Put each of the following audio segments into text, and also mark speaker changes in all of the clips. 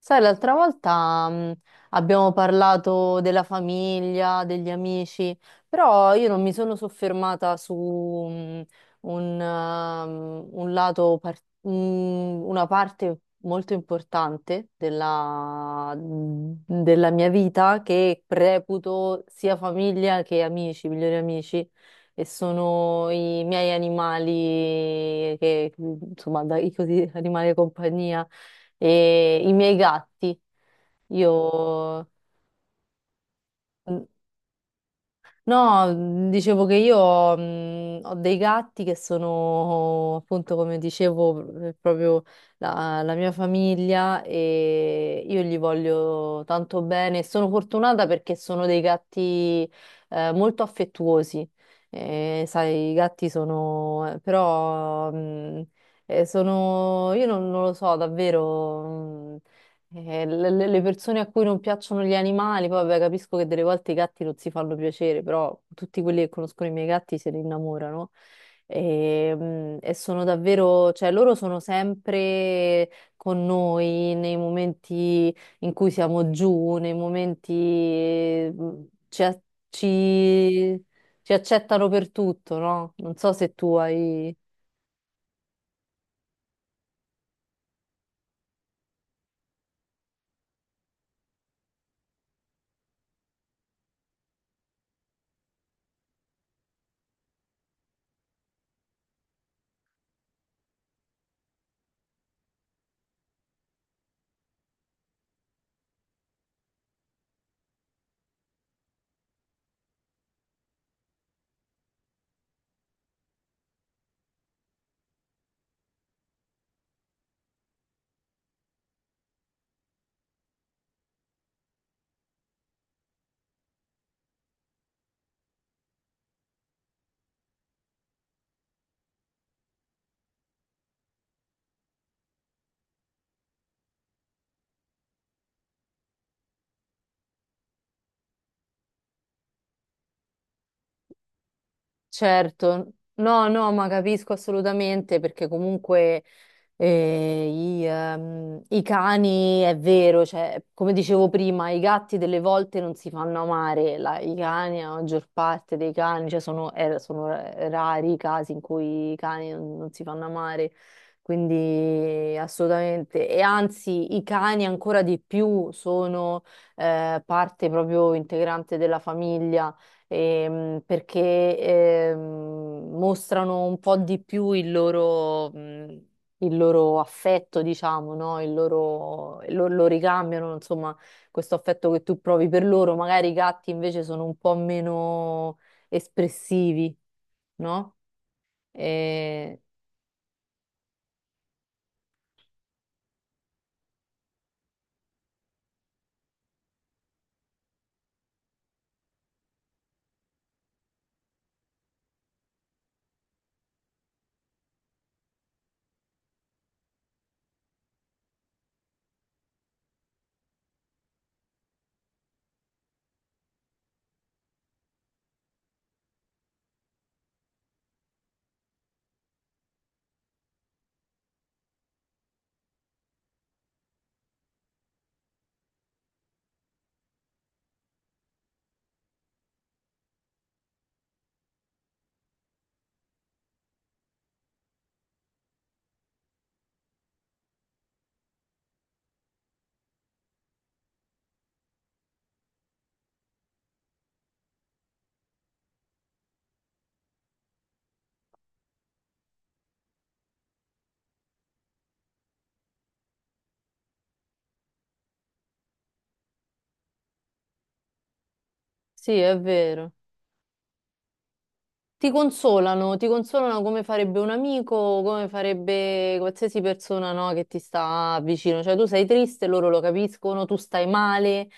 Speaker 1: Sai, l'altra volta abbiamo parlato della famiglia, degli amici, però io non mi sono soffermata su un lato, una parte molto importante della mia vita che reputo sia famiglia che amici, migliori amici, e sono i miei animali, che, insomma, dai, così, animali di compagnia e i miei gatti. Io... No, dicevo che io ho dei gatti che sono appunto, come dicevo, proprio la mia famiglia, e io gli voglio tanto bene. Sono fortunata perché sono dei gatti molto affettuosi. Sai, i gatti sono, però, sono, io non lo so, davvero. mh, le persone a cui non piacciono gli animali, poi vabbè, capisco che delle volte i gatti non si fanno piacere, però tutti quelli che conoscono i miei gatti se ne innamorano. E sono davvero, cioè loro sono sempre con noi nei momenti in cui siamo giù, nei momenti mm, ci, a- ci- ci accettano per tutto, no? Non so se tu hai. Certo, no, no, ma capisco assolutamente perché comunque. E i cani, è vero, cioè, come dicevo prima, i gatti delle volte non si fanno amare, i cani, la maggior parte dei cani, cioè sono rari i casi in cui i cani non si fanno amare, quindi assolutamente. E anzi, i cani ancora di più sono parte proprio integrante della famiglia, perché mostrano un po' di più il loro affetto, diciamo, no? Il loro, lo ricambiano, insomma, questo affetto che tu provi per loro. Magari i gatti invece sono un po' meno espressivi, no? E... Sì, è vero. Ti consolano come farebbe un amico, come farebbe qualsiasi persona, no, che ti sta vicino. Cioè, tu sei triste, loro lo capiscono, tu stai male,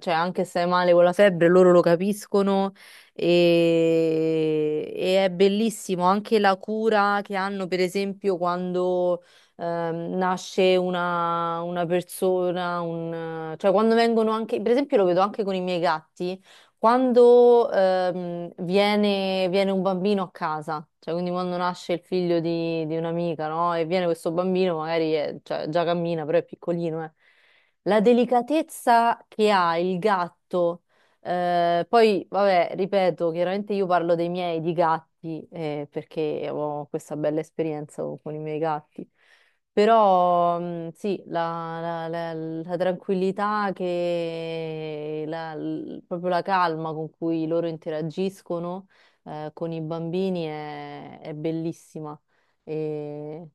Speaker 1: cioè anche se stai male con la febbre, loro lo capiscono, e è bellissimo anche la cura che hanno, per esempio, quando nasce una persona, cioè quando vengono anche, per esempio lo vedo anche con i miei gatti quando viene un bambino a casa, cioè quindi quando nasce il figlio di un'amica, no? E viene questo bambino, magari cioè, già cammina, però è piccolino, eh. La delicatezza che ha il gatto, poi vabbè, ripeto, chiaramente io parlo dei miei, di gatti, perché ho questa bella esperienza con i miei gatti. Però sì, la tranquillità che proprio la calma con cui loro interagiscono con i bambini è bellissima. E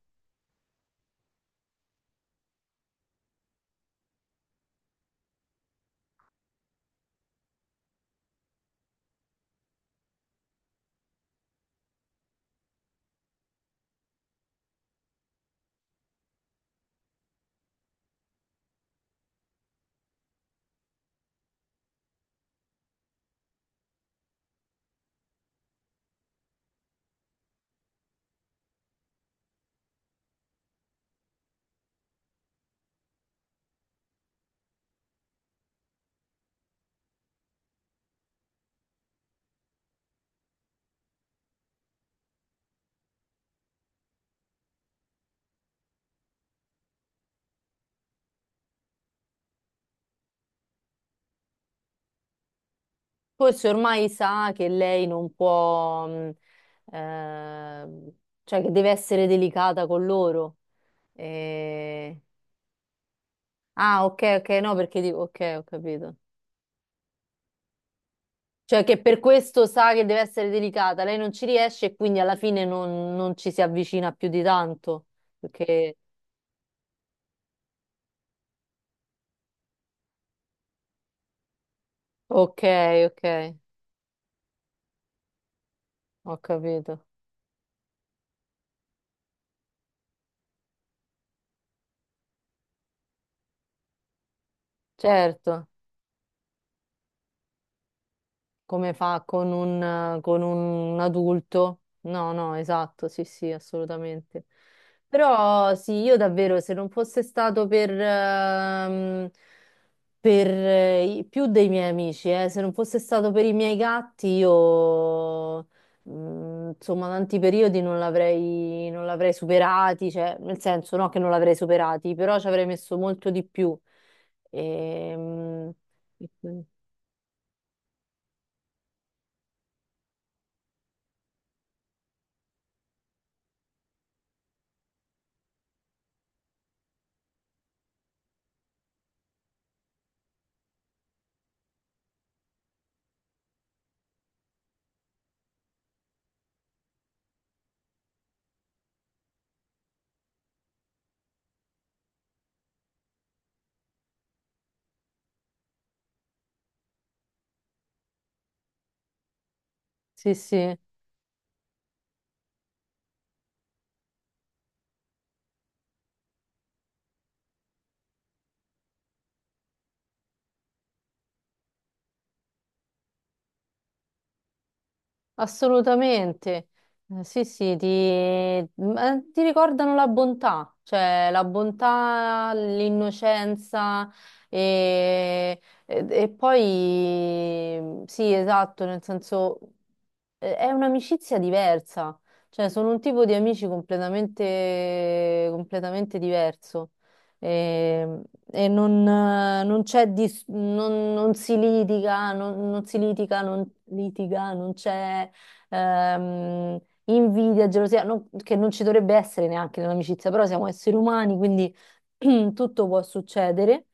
Speaker 1: forse ormai sa che lei non può, ehm, cioè che deve essere delicata con loro. E- Ah, ok, ok, no, perché dico, ok, ho capito. Cioè che per questo sa che deve essere delicata, lei non ci riesce e quindi alla fine non ci si avvicina più di tanto. Perché... Ok, ok, ho capito. Certo. Come fa con un adulto. No, no, esatto, sì, sì, assolutamente. Però sì, io davvero, se non fosse stato per più dei miei amici, se non fosse stato per i miei gatti, io, insomma, tanti periodi non l'avrei superati, cioè, nel senso, no, che non l'avrei superati, però ci avrei messo molto di più. Ehm, e quindi- sì, sì. Assolutamente. Sì, sì, ma ti ricordano la bontà, cioè la bontà, l'innocenza, e, e poi sì, esatto, nel senso è un'amicizia diversa, cioè sono un tipo di amici completamente, completamente diverso, e, e non c'è non si litiga, non c'è ehm, invidia, gelosia, che non ci dovrebbe essere neanche nell'amicizia, però siamo esseri umani, quindi tutto può succedere.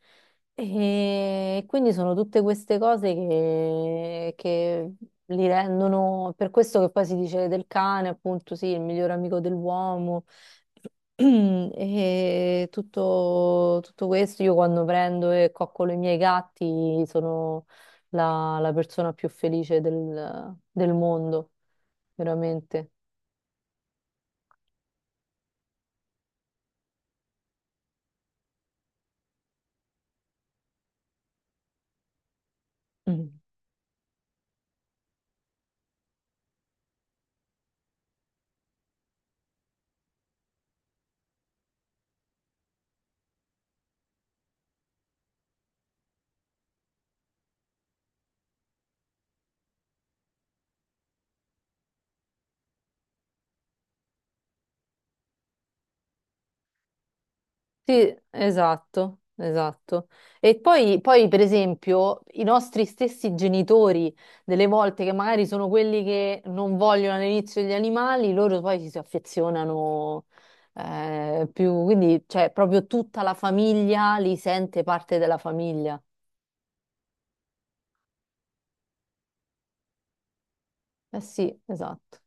Speaker 1: E quindi sono tutte queste cose che li rendono, per questo che poi si dice del cane, appunto, sì, il miglior amico dell'uomo. E tutto, tutto questo, io quando prendo e coccolo i miei gatti, sono la persona più felice del mondo veramente. Mm. Sì, esatto, esatto. E poi, per esempio, i nostri stessi genitori, delle volte che magari sono quelli che non vogliono all'inizio gli animali, loro poi ci si affezionano più, quindi cioè, proprio tutta la famiglia li sente parte della famiglia. Eh sì, esatto.